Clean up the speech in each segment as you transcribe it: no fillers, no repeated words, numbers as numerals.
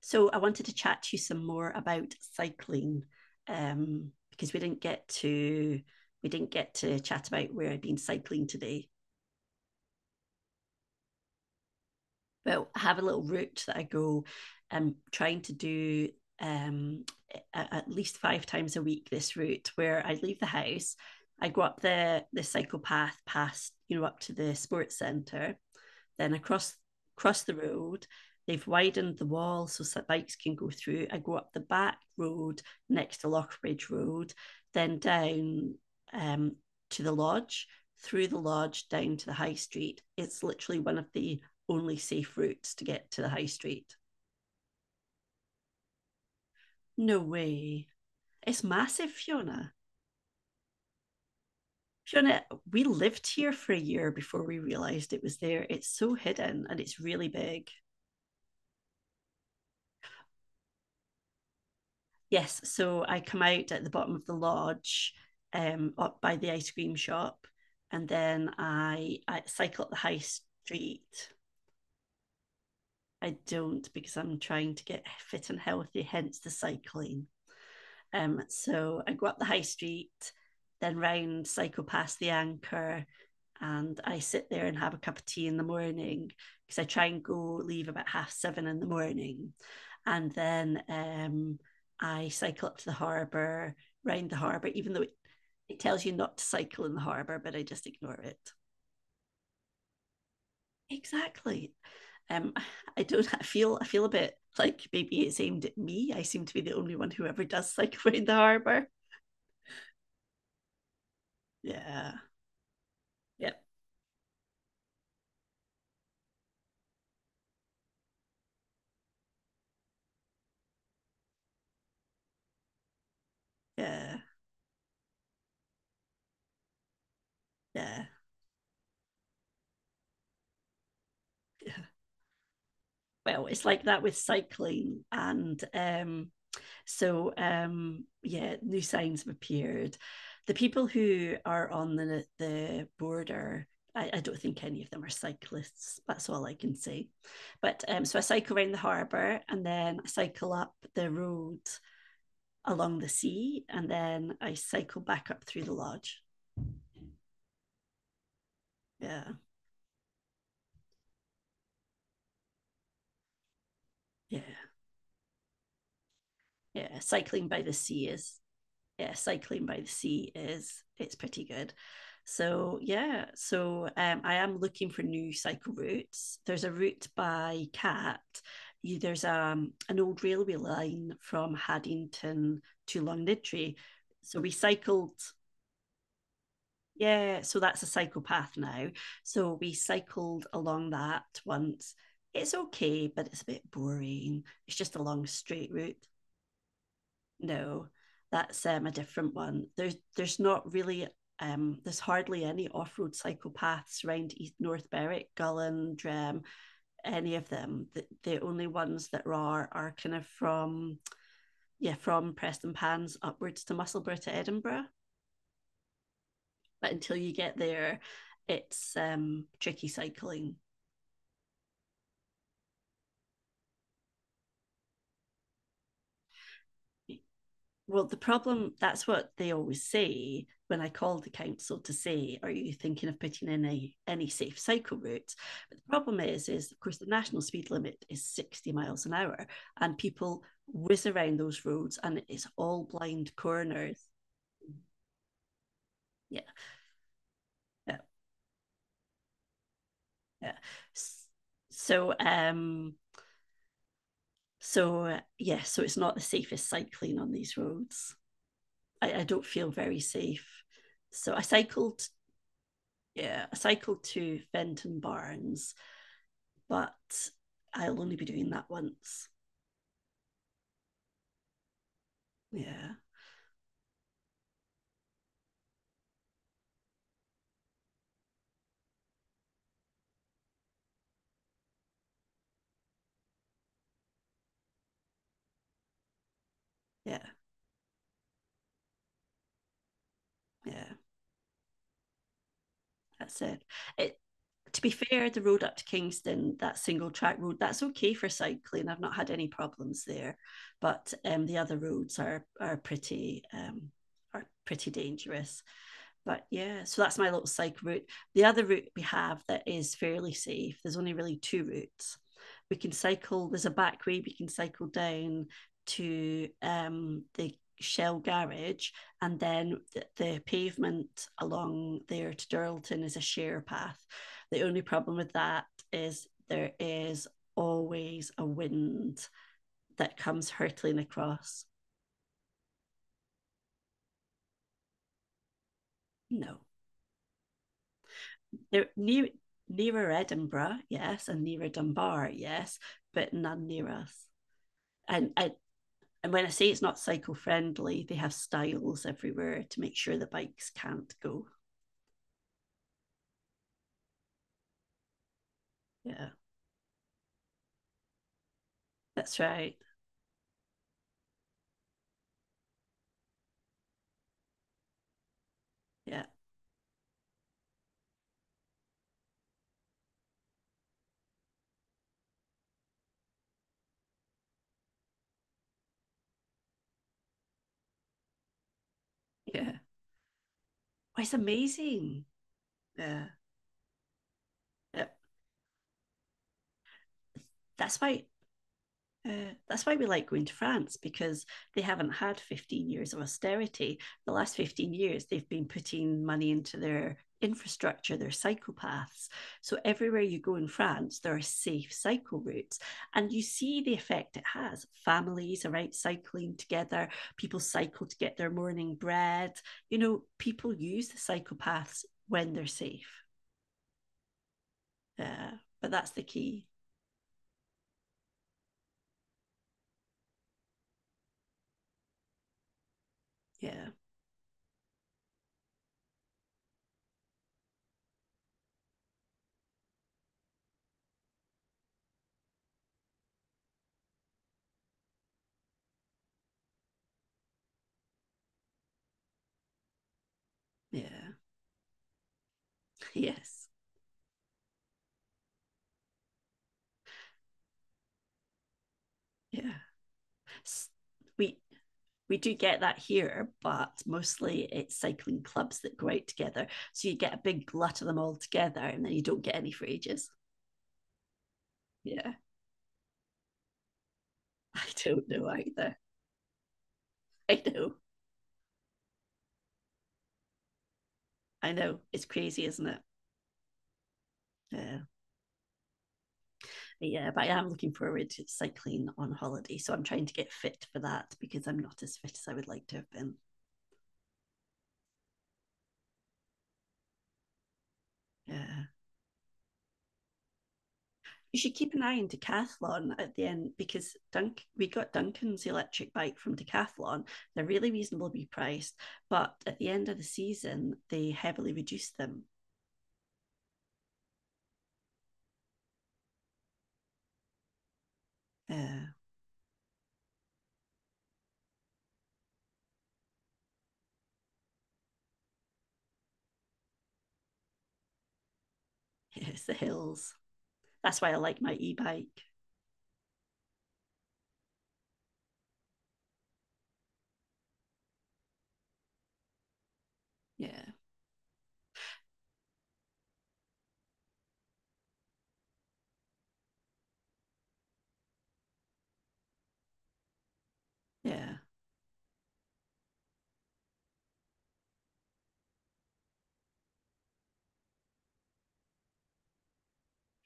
So I wanted to chat to you some more about cycling because we didn't get to chat about where I've been cycling today. But I have a little route that I go. I'm trying to do um, at least five times a week this route where I leave the house. I go up the cycle path past up to the sports centre. Then across the road, they've widened the wall so bikes can go through. I go up the back road next to Lockbridge Road, then down, um, to the lodge, through the lodge down to the high street. It's literally one of the only safe routes to get to the high street. No way. It's massive, Fiona. Fiona, we lived here for a year before we realised it was there. It's so hidden and it's really big. Yes, so I come out at the bottom of the lodge, up by the ice cream shop, and then I cycle up the high street. I don't because I'm trying to get fit and healthy, hence the cycling. So I go up the high street, then round, cycle past the anchor, and I sit there and have a cup of tea in the morning because I try and go leave about half seven in the morning. And then I cycle up to the harbour, round the harbour, even though it tells you not to cycle in the harbour, but I just ignore it. Exactly. Um, I don't, I feel a bit like maybe it's aimed at me. I seem to be the only one who ever does cycle around the harbour. Yeah, yeah, yeah, yeah, yeah. Well, it's like that with cycling and yeah, new signs have appeared. The people who are on the border, I don't think any of them are cyclists. That's all I can say. But so I cycle around the harbour and then I cycle up the road along the sea and then I cycle back up through the lodge. Yeah, yeah, yeah. Cycling by the sea is Yeah, cycling by the sea is, it's pretty good. So yeah, so I am looking for new cycle routes. There's a route by Cat. There's an old railway line from Haddington to Longniddry. So we cycled. Yeah, so that's a cycle path now. So we cycled along that once. It's okay, but it's a bit boring. It's just a long straight route. No, that's a different one. There's not really, there's hardly any off-road psychopaths around East North Berwick, Gulland, any of them. The only ones that are kind of from, yeah, from Preston Pans upwards to Musselburgh to Edinburgh. But until you get there, it's tricky cycling. Well, the problem, that's what they always say when I called the council to say, are you thinking of putting in a, any safe cycle route?" But the problem is of course, the national speed limit is 60 miles an hour and people whiz around those roads and it's all blind corners. Yeah, yeah, yeah. So, um, yeah, so it's not the safest cycling on these roads. I don't feel very safe. So I cycled Yeah, I cycled to Fenton Barnes, but I'll only be doing that once. Yeah, yeah, yeah. That's it. It to be fair, the road up to Kingston, that single track road, that's okay for cycling. I've not had any problems there, but the other roads are pretty, are pretty dangerous. But yeah, so that's my little cycle route. The other route we have that is fairly safe, there's only really two routes. We can cycle, there's a back way we can cycle down to, the Shell garage, and then the pavement along there to Durlton is a share path. The only problem with that is there is always a wind that comes hurtling across. No. There, near, nearer Edinburgh, yes, and nearer Dunbar, yes, but none near us. And and when I say it's not cycle friendly, they have stiles everywhere to make sure the bikes can't go. Yeah, that's right. Yeah, yeah. Oh, it's amazing. Yeah, yeah. That's why that's why we like going to France because they haven't had 15 years of austerity. The last 15 years, they've been putting money into their infrastructure, their cycle paths. So everywhere you go in France, there are safe cycle routes. And you see the effect it has. Families are out cycling together, people cycle to get their morning bread. You know, people use the cycle paths when they're safe. Yeah. But that's the key. Yeah. Yeah. Yes. Yeah. we We do get that here, but mostly it's cycling clubs that go out together. So you get a big glut of them all together and then you don't get any for ages. Yeah, I don't know either. I know, I know. It's crazy, isn't it? Yeah, yeah, but I am looking forward to cycling on holiday. So I'm trying to get fit for that because I'm not as fit as I would like to have been. Yeah. You should keep an eye on Decathlon at the end because Dunk we got Duncan's electric bike from Decathlon. They're really reasonably priced, but at the end of the season they heavily reduced them. Yeah, yes, the hills. That's why I like my e-bike. Yeah, yeah,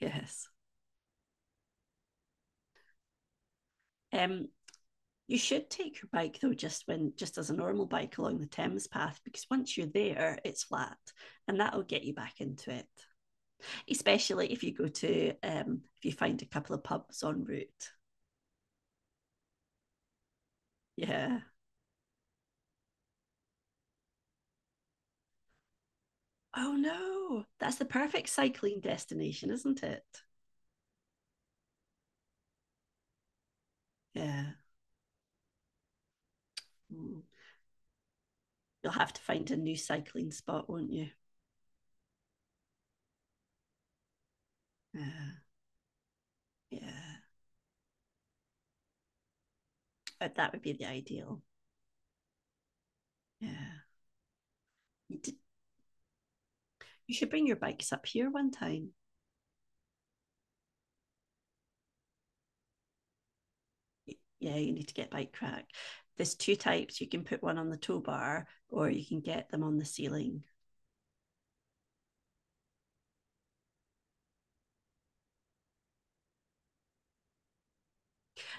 yes. Um, you should take your bike though, just as a normal bike along the Thames path, because once you're there, it's flat, and that'll get you back into it. Especially if you go to, if you find a couple of pubs en route. Yeah. Oh no, that's the perfect cycling destination, isn't it? Yeah. Mm. You'll have to find a new cycling spot, won't you? Yeah. Yeah. But that would be the ideal. Yeah. You, d- you should bring your bikes up here one time. Yeah, you need to get bike rack. There's two types. You can put one on the tow bar or you can get them on the ceiling.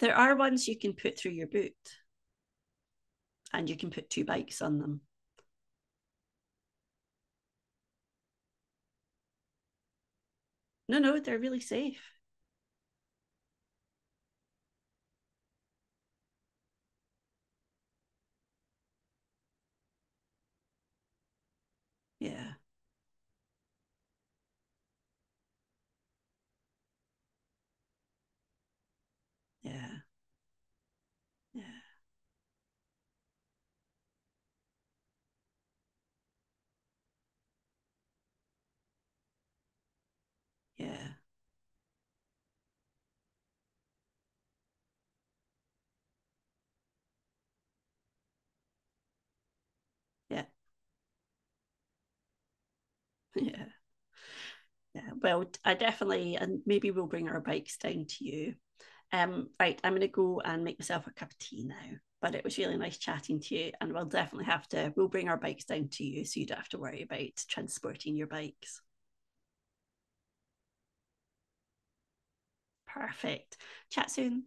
There are ones you can put through your boot and you can put two bikes on them. No, no, they're really safe. Yeah. Yeah. Yeah. Yeah. Yeah. Yeah, yeah. Well, I definitely, and maybe we'll bring our bikes down to you. Right, I'm going to go and make myself a cup of tea now. But it was really nice chatting to you, and we'll definitely have to. We'll bring our bikes down to you, so you don't have to worry about transporting your bikes. Perfect. Chat soon.